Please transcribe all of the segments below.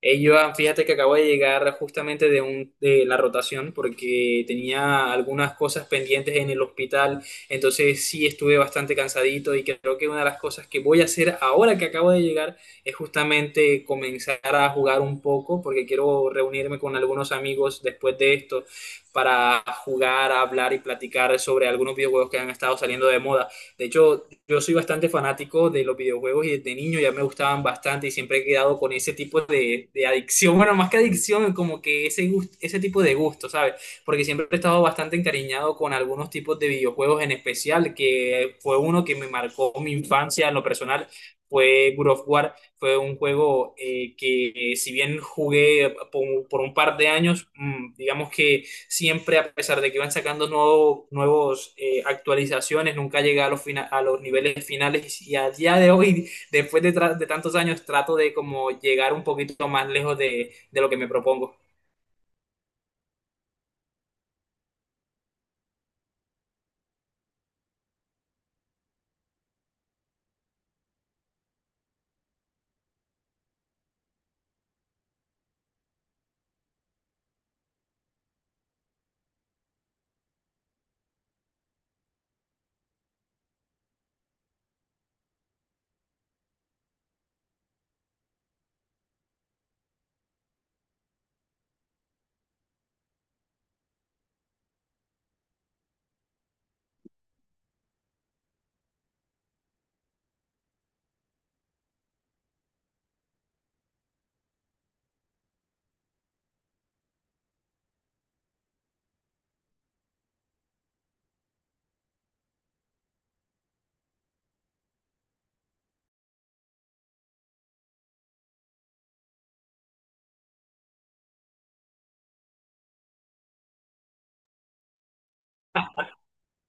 Hey, Joan, fíjate que acabo de llegar justamente de la rotación porque tenía algunas cosas pendientes en el hospital, entonces sí estuve bastante cansadito y creo que una de las cosas que voy a hacer ahora que acabo de llegar es justamente comenzar a jugar un poco porque quiero reunirme con algunos amigos después de esto para jugar, hablar y platicar sobre algunos videojuegos que han estado saliendo de moda. De hecho, yo soy bastante fanático de los videojuegos y desde niño ya me gustaban bastante y siempre he quedado con ese tipo de adicción, bueno, más que adicción, como que ese tipo de gusto, ¿sabes? Porque siempre he estado bastante encariñado con algunos tipos de videojuegos en especial, que fue uno que me marcó mi infancia en lo personal. Fue God of War, fue un juego que si bien jugué por un par de años, digamos que siempre, a pesar de que van sacando nuevos, actualizaciones, nunca llega a a los niveles finales y a día de hoy, después de tantos años, trato de como llegar un poquito más lejos de lo que me propongo.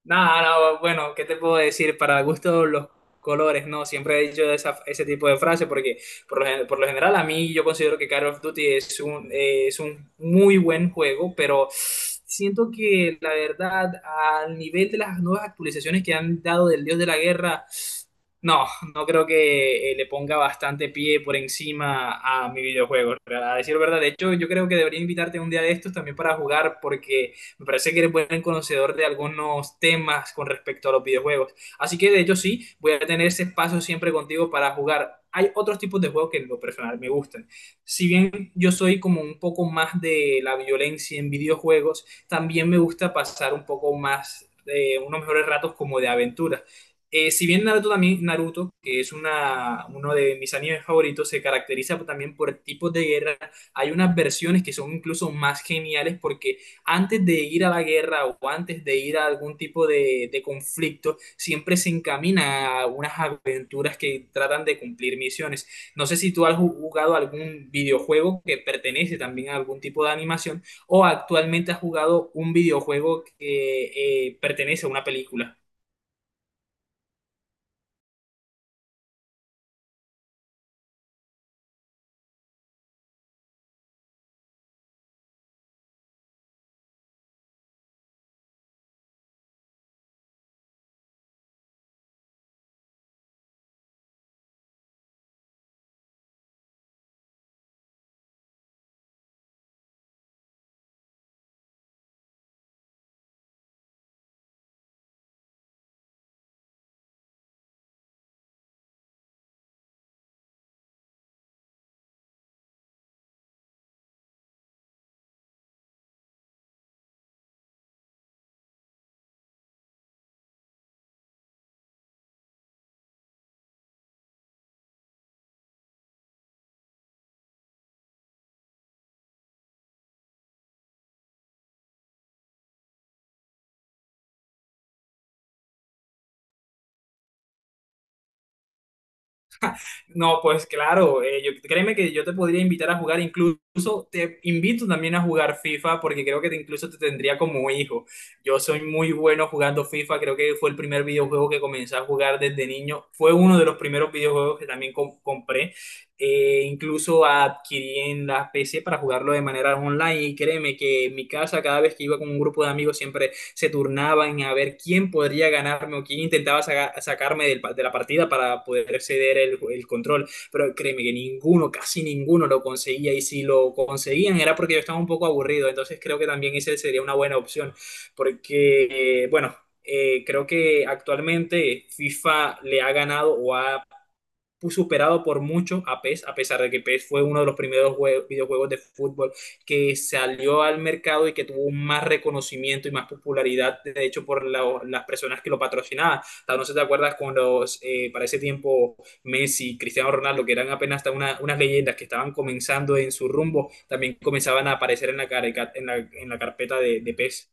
Nada, no, bueno, ¿qué te puedo decir? Para gusto los colores, ¿no? Siempre he dicho ese tipo de frase porque por lo general a mí yo considero que Call of Duty es es un muy buen juego, pero siento que la verdad al nivel de las nuevas actualizaciones que han dado del Dios de la Guerra, no, no creo que le ponga bastante pie por encima a mi videojuego. A decir verdad, de hecho yo creo que debería invitarte un día de estos también para jugar porque... Me parece que eres buen conocedor de algunos temas con respecto a los videojuegos. Así que de hecho sí, voy a tener ese espacio siempre contigo para jugar. Hay otros tipos de juegos que en lo personal me gustan. Si bien yo soy como un poco más de la violencia en videojuegos, también me gusta pasar un poco más de unos mejores ratos como de aventura. Si bien Naruto también, Naruto, que es uno de mis animes favoritos, se caracteriza también por tipos de guerra. Hay unas versiones que son incluso más geniales porque antes de ir a la guerra o antes de ir a algún tipo de conflicto, siempre se encamina a unas aventuras que tratan de cumplir misiones. No sé si tú has jugado algún videojuego que pertenece también a algún tipo de animación o actualmente has jugado un videojuego que pertenece a una película. No, pues claro, yo, créeme que yo te podría invitar a jugar, incluso te invito también a jugar FIFA porque creo que incluso te tendría como hijo. Yo soy muy bueno jugando FIFA, creo que fue el primer videojuego que comencé a jugar desde niño, fue uno de los primeros videojuegos que también compré. Incluso adquirí en la PC para jugarlo de manera online y créeme que en mi casa cada vez que iba con un grupo de amigos siempre se turnaban a ver quién podría ganarme o quién intentaba sacarme de la partida para poder ceder control. Pero créeme que ninguno, casi ninguno lo conseguía y si lo conseguían era porque yo estaba un poco aburrido. Entonces creo que también esa sería una buena opción porque, creo que actualmente FIFA le ha ganado o ha superado por mucho a PES, a pesar de que PES fue uno de los primeros videojuegos de fútbol que salió al mercado y que tuvo más reconocimiento y más popularidad, de hecho, por las personas que lo patrocinaban. No sé si te acuerdas cuando para ese tiempo Messi, Cristiano Ronaldo, que eran apenas hasta unas leyendas que estaban comenzando en su rumbo, también comenzaban a aparecer en la, careca- en la carpeta de PES.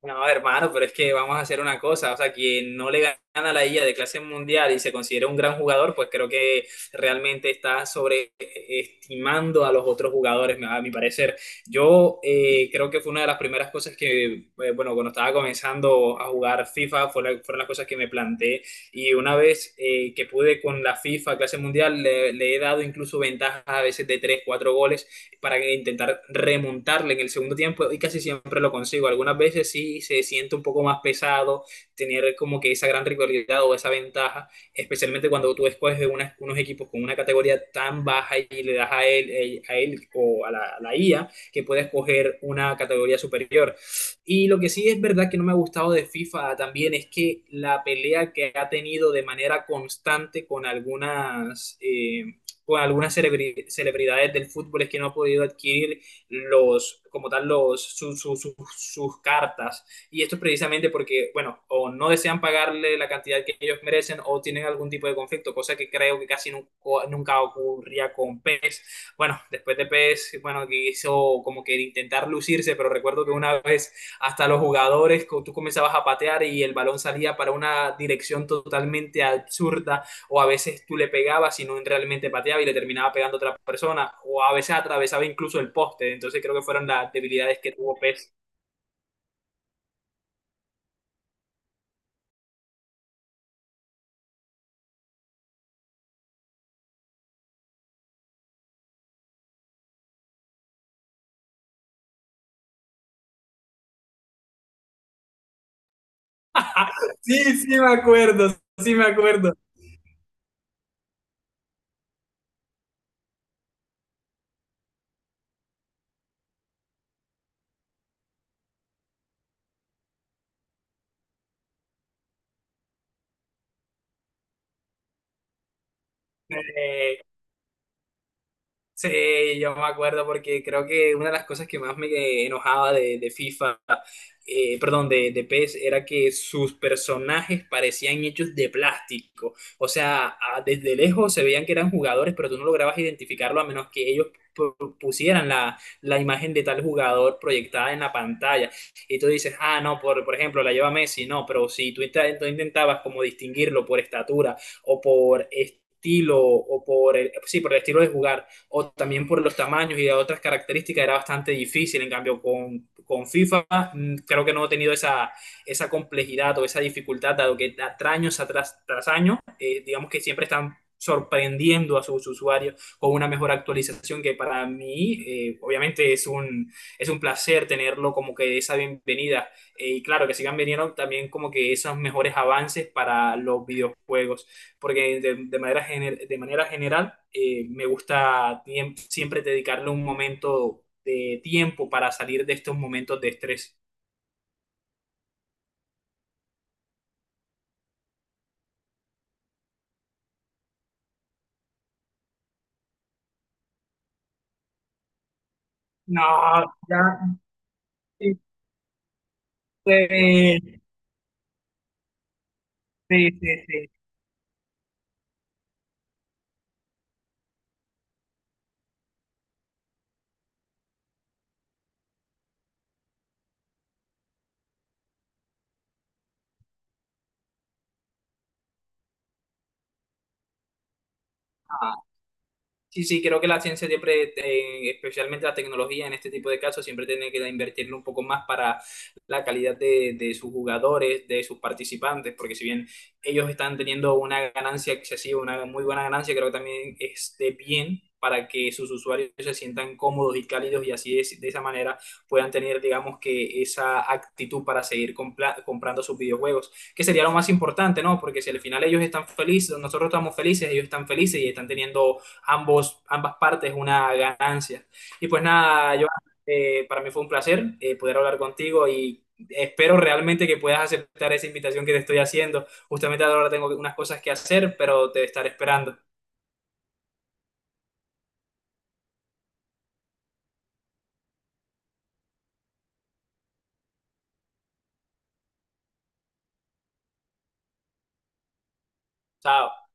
No, hermano, pero es que vamos a hacer una cosa, o sea, quien no le gana a la IA de clase mundial y se considera un gran jugador, pues creo que realmente está sobreestimando a los otros jugadores, a mi parecer. Yo creo que fue una de las primeras cosas que, bueno, cuando estaba comenzando a jugar FIFA, fueron las cosas que me planteé y una vez que pude con la FIFA clase mundial, le he dado incluso ventajas a veces de 3 4 goles para intentar remontarle en el segundo tiempo y casi siempre lo consigo. Algunas veces sí se siente un poco más pesado tener como que esa gran rivalidad o esa ventaja, especialmente cuando tú escoges unos equipos con una categoría tan baja y le das a él o a a la IA que puede escoger una categoría superior. Y lo que sí es verdad que no me ha gustado de FIFA también es que la pelea que ha tenido de manera constante con algunas celebridades del fútbol es que no ha podido adquirir los, como tal, los, su- su- su- sus cartas. Y esto es precisamente porque, bueno, o no desean pagarle la cantidad que ellos merecen o tienen algún tipo de conflicto, cosa que creo que casi nunca ocurría con PES. Bueno, después de PES, bueno, que hizo como que intentar lucirse, pero recuerdo que una vez hasta los jugadores, tú comenzabas a patear y el balón salía para una dirección totalmente absurda o a veces tú le pegabas y no realmente pateaba y le terminaba pegando a otra persona, o a veces atravesaba incluso el poste. Entonces creo que fueron las debilidades que tuvo Pez. Sí, sí me acuerdo, sí me acuerdo. Eh, Sí, yo me acuerdo porque creo que una de las cosas que más me enojaba de FIFA, perdón, de PES, era que sus personajes parecían hechos de plástico. O sea, desde lejos se veían que eran jugadores, pero tú no lograbas identificarlo a menos que ellos pusieran la imagen de tal jugador proyectada en la pantalla. Y tú dices, ah, no, por ejemplo, la lleva Messi, no, pero si tú intentabas como distinguirlo por estatura o por... estilo o por sí, por el estilo de jugar o también por los tamaños y de otras características era bastante difícil. En cambio, con FIFA creo que no he tenido esa complejidad o esa dificultad, dado que tras años atrás, tras año, digamos que siempre están sorprendiendo a sus usuarios con una mejor actualización que para mí, obviamente es es un placer tenerlo como que esa bienvenida. Y claro, que sigan viniendo también como que esos mejores avances para los videojuegos porque de manera, de manera general me gusta siempre dedicarle un momento de tiempo para salir de estos momentos de estrés. No, ya. Sí, sí, sí, sí. Sí, sí, creo que la ciencia siempre, especialmente la tecnología en este tipo de casos, siempre tiene que invertirle un poco más para la calidad de sus jugadores, de sus participantes, porque si bien ellos están teniendo una ganancia excesiva, una muy buena ganancia, creo que también esté bien para que sus usuarios se sientan cómodos y cálidos y así de esa manera puedan tener, digamos, que esa actitud para seguir comprando sus videojuegos, que sería lo más importante, ¿no? Porque si al final ellos están felices, nosotros estamos felices, ellos están felices y están teniendo ambas partes una ganancia. Y pues nada, yo para mí fue un placer poder hablar contigo y espero realmente que puedas aceptar esa invitación que te estoy haciendo. Justamente ahora tengo unas cosas que hacer, pero te estaré esperando. Chao.